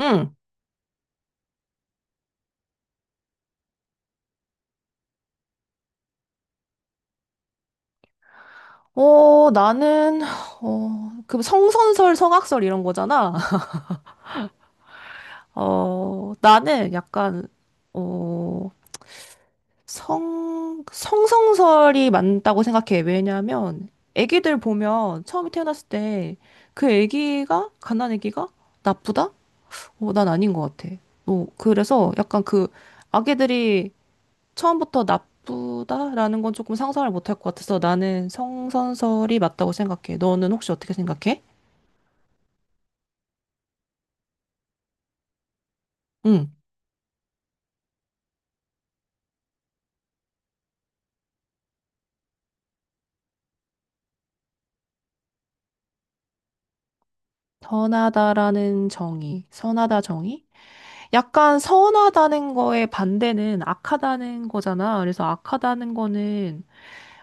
응. 어, 나는, 그 성선설, 성악설 이런 거잖아. 나는 약간, 어, 성성설이 맞다고 생각해. 왜냐면, 애기들 보면 처음에 태어났을 때, 그 애기가, 갓난 애기가 나쁘다? 난 아닌 것 같아. 그래서 약간 그, 아기들이 처음부터 나쁘다라는 건 조금 상상을 못할 것 같아서 나는 성선설이 맞다고 생각해. 너는 혹시 어떻게 생각해? 응. 선하다라는 정의, 선하다 정의? 약간 선하다는 거의 반대는 악하다는 거잖아. 그래서 악하다는 거는,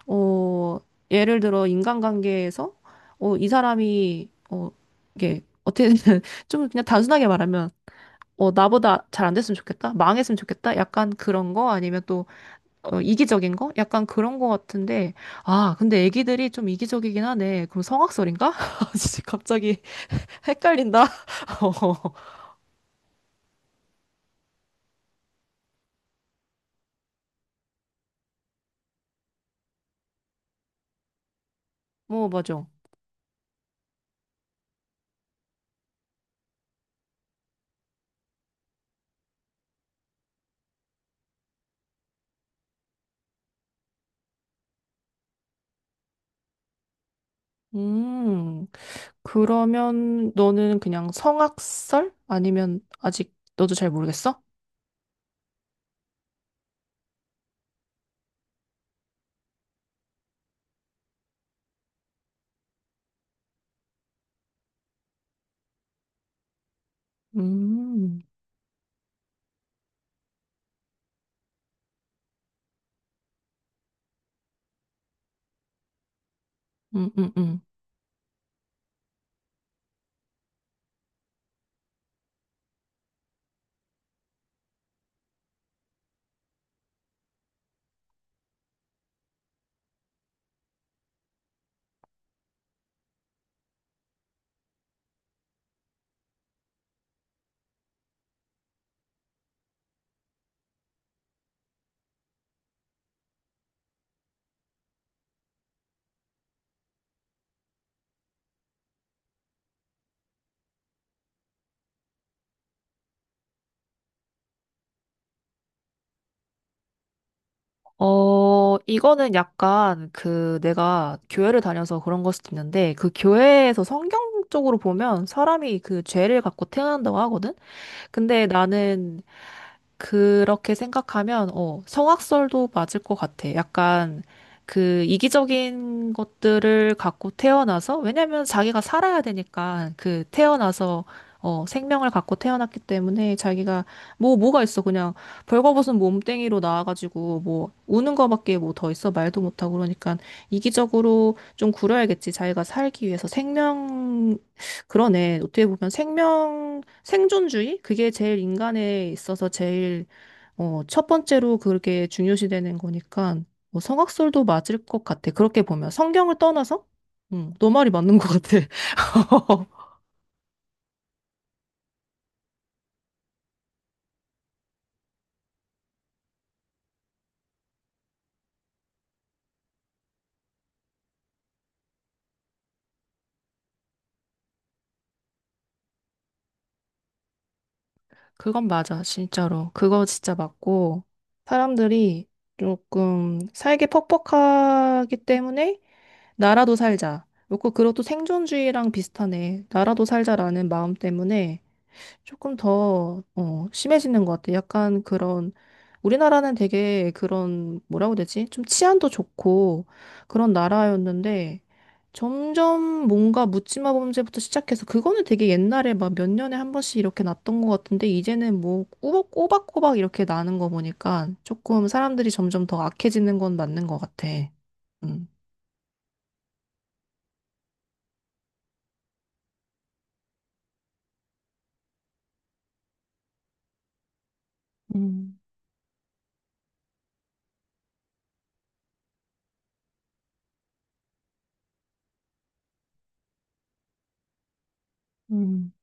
어, 예를 들어 인간관계에서, 이 사람이, 이게, 어떻게, 좀 그냥 단순하게 말하면, 나보다 잘 안 됐으면 좋겠다? 망했으면 좋겠다? 약간 그런 거? 아니면 또, 이기적인 거? 약간 그런 거 같은데, 아, 근데 애기들이 좀 이기적이긴 하네. 그럼 성악설인가? 진짜 갑자기 헷갈린다. 뭐, 맞아. 음, 그러면 너는 그냥 성악설? 아니면 아직 너도 잘 모르겠어? 음, 음, 음, 음. 이거는 약간 그 내가 교회를 다녀서 그런 걸 수도 있는데 그 교회에서 성경적으로 보면 사람이 그 죄를 갖고 태어난다고 하거든? 근데 나는 그렇게 생각하면, 성악설도 맞을 것 같아. 약간 그 이기적인 것들을 갖고 태어나서, 왜냐면 자기가 살아야 되니까, 그 태어나서, 생명을 갖고 태어났기 때문에 자기가, 뭐, 뭐가 있어. 그냥 벌거벗은 몸뚱이로 나와가지고, 뭐, 우는 거밖에 뭐 더 있어. 말도 못하고 그러니까 이기적으로 좀 구려야겠지. 자기가 살기 위해서 생명, 그러네. 어떻게 보면 생명, 생존주의? 그게 제일 인간에 있어서 제일 첫 번째로 그렇게 중요시되는 거니까 뭐 성악설도 맞을 것 같아. 그렇게 보면 성경을 떠나서? 응, 너 말이 맞는 것 같아. 그건 맞아, 진짜로. 그거 진짜 맞고 사람들이 조금 살기 퍽퍽하기 때문에 나라도 살자. 그리고 그것도 생존주의랑 비슷하네. 나라도 살자라는 마음 때문에 조금 더, 심해지는 것 같아. 약간 그런, 우리나라는 되게 그런, 뭐라고 해야 되지? 좀 치안도 좋고 그런 나라였는데, 점점 뭔가 묻지마 범죄부터 시작해서, 그거는 되게 옛날에 막 몇 년에 한 번씩 이렇게 났던 것 같은데, 이제는 뭐 꼬박꼬박 이렇게 나는 거 보니까 조금 사람들이 점점 더 악해지는 건 맞는 것 같아. 음. 음, 음,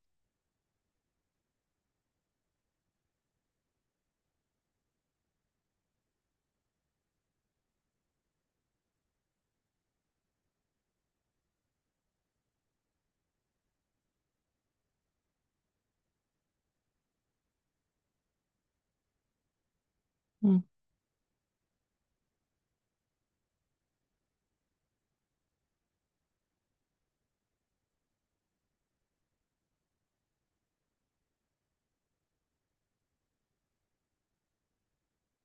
음,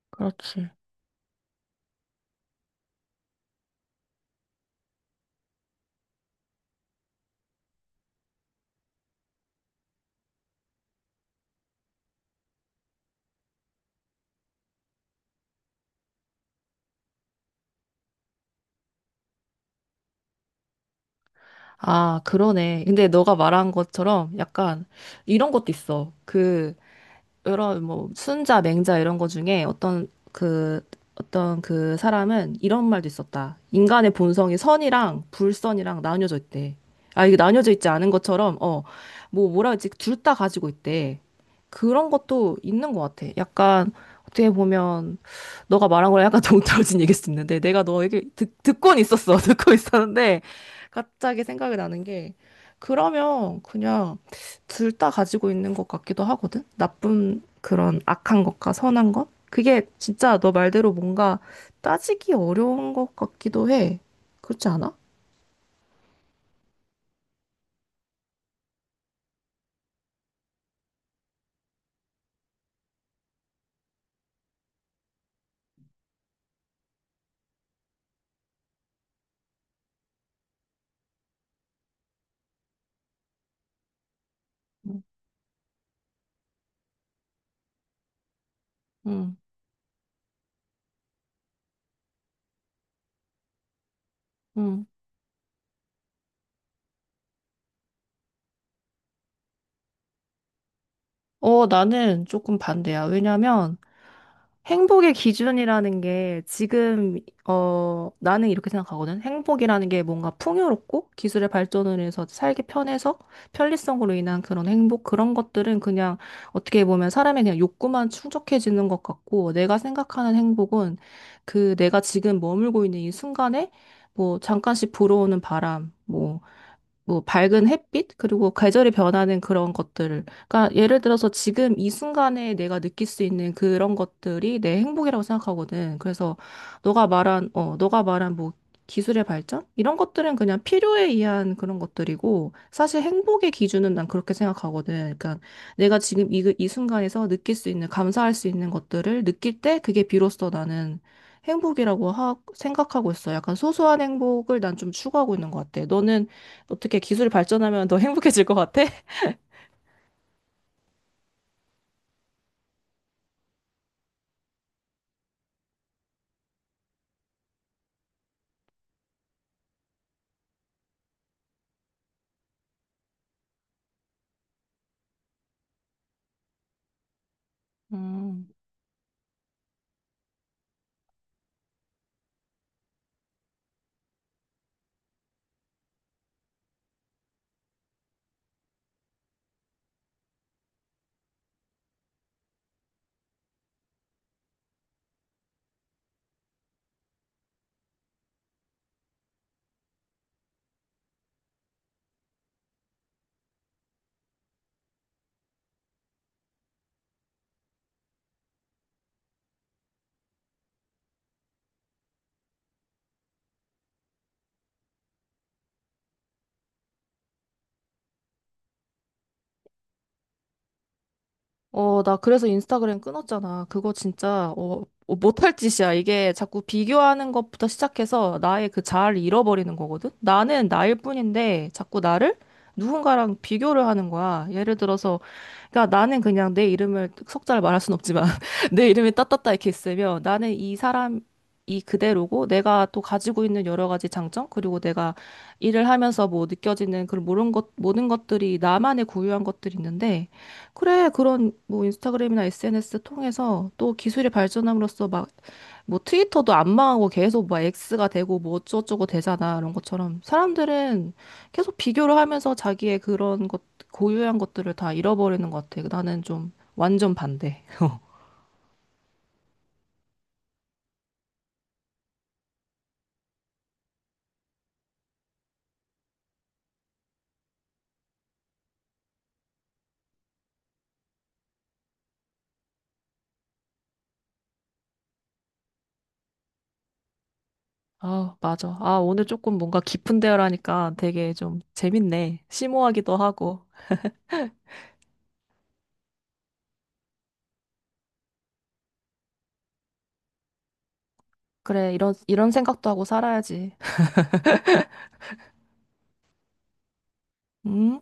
그렇지. 아, 그러네. 근데 너가 말한 것처럼 약간 이런 것도 있어. 그, 이런 뭐 순자, 맹자 이런 거 중에 어떤 그 사람은 이런 말도 있었다. 인간의 본성이 선이랑 불선이랑 나뉘어져 있대. 아, 이게 나뉘어져 있지 않은 것처럼 뭐 뭐라 그러지? 둘 다 가지고 있대. 그런 것도 있는 것 같아. 약간 어떻게 보면 너가 말한 거랑 약간 동떨어진 얘기일 수 있는데 내가 너에게 듣고는 있었어. 듣고 있었는데 갑자기 생각이 나는 게 그러면 그냥 둘 다 가지고 있는 것 같기도 하거든? 나쁜 그런 악한 것과 선한 것? 그게 진짜 너 말대로 뭔가 따지기 어려운 것 같기도 해. 그렇지 않아? 응, 응. 응. 나는 조금 반대야. 왜냐면 행복의 기준이라는 게 지금, 나는 이렇게 생각하거든. 행복이라는 게 뭔가 풍요롭고 기술의 발전을 해서 살기 편해서 편리성으로 인한 그런 행복, 그런 것들은 그냥 어떻게 보면 사람의 그냥 욕구만 충족해지는 것 같고 내가 생각하는 행복은 그 내가 지금 머물고 있는 이 순간에 뭐 잠깐씩 불어오는 바람, 뭐 뭐 밝은 햇빛 그리고 계절이 변하는 그런 것들을 그러니까 예를 들어서 지금 이 순간에 내가 느낄 수 있는 그런 것들이 내 행복이라고 생각하거든. 그래서 너가 말한 어 너가 말한 뭐 기술의 발전 이런 것들은 그냥 필요에 의한 그런 것들이고 사실 행복의 기준은 난 그렇게 생각하거든. 그러니까 내가 지금 이 순간에서 느낄 수 있는 감사할 수 있는 것들을 느낄 때 그게 비로소 나는 행복이라고 생각하고 있어. 약간 소소한 행복을 난 좀 추구하고 있는 것 같아. 너는 어떻게 기술이 발전하면 더 행복해질 것 같아? 음. 나 그래서 인스타그램 끊었잖아. 그거 진짜, 못할 짓이야. 이게 자꾸 비교하는 것부터 시작해서 나의 그 자아를 잃어버리는 거거든? 나는 나일 뿐인데 자꾸 나를 누군가랑 비교를 하는 거야. 예를 들어서, 그러니까 나는 그냥 내 이름을 석자를 말할 순 없지만 내 이름이 따따따 이렇게 있으면 나는 이 사람이 그대로고 내가 또 가지고 있는 여러 가지 장점 그리고 내가 일을 하면서 뭐 느껴지는 그런 모든 것 모든 것들이 나만의 고유한 것들이 있는데 그래, 그런 뭐 인스타그램이나 SNS 통해서 또 기술이 발전함으로써 막 뭐 트위터도 안 망하고 계속 막 X가 되고 뭐 어쩌고저쩌고 되잖아. 이런 것처럼 사람들은 계속 비교를 하면서 자기의 그런 것, 고유한 것들을 다 잃어버리는 것 같아. 나는 좀 완전 반대. 아, 맞아. 아, 오늘 조금 뭔가 깊은 대화를 하니까 되게 좀 재밌네. 심오하기도 하고. 그래, 이런, 이런 생각도 하고 살아야지. 음.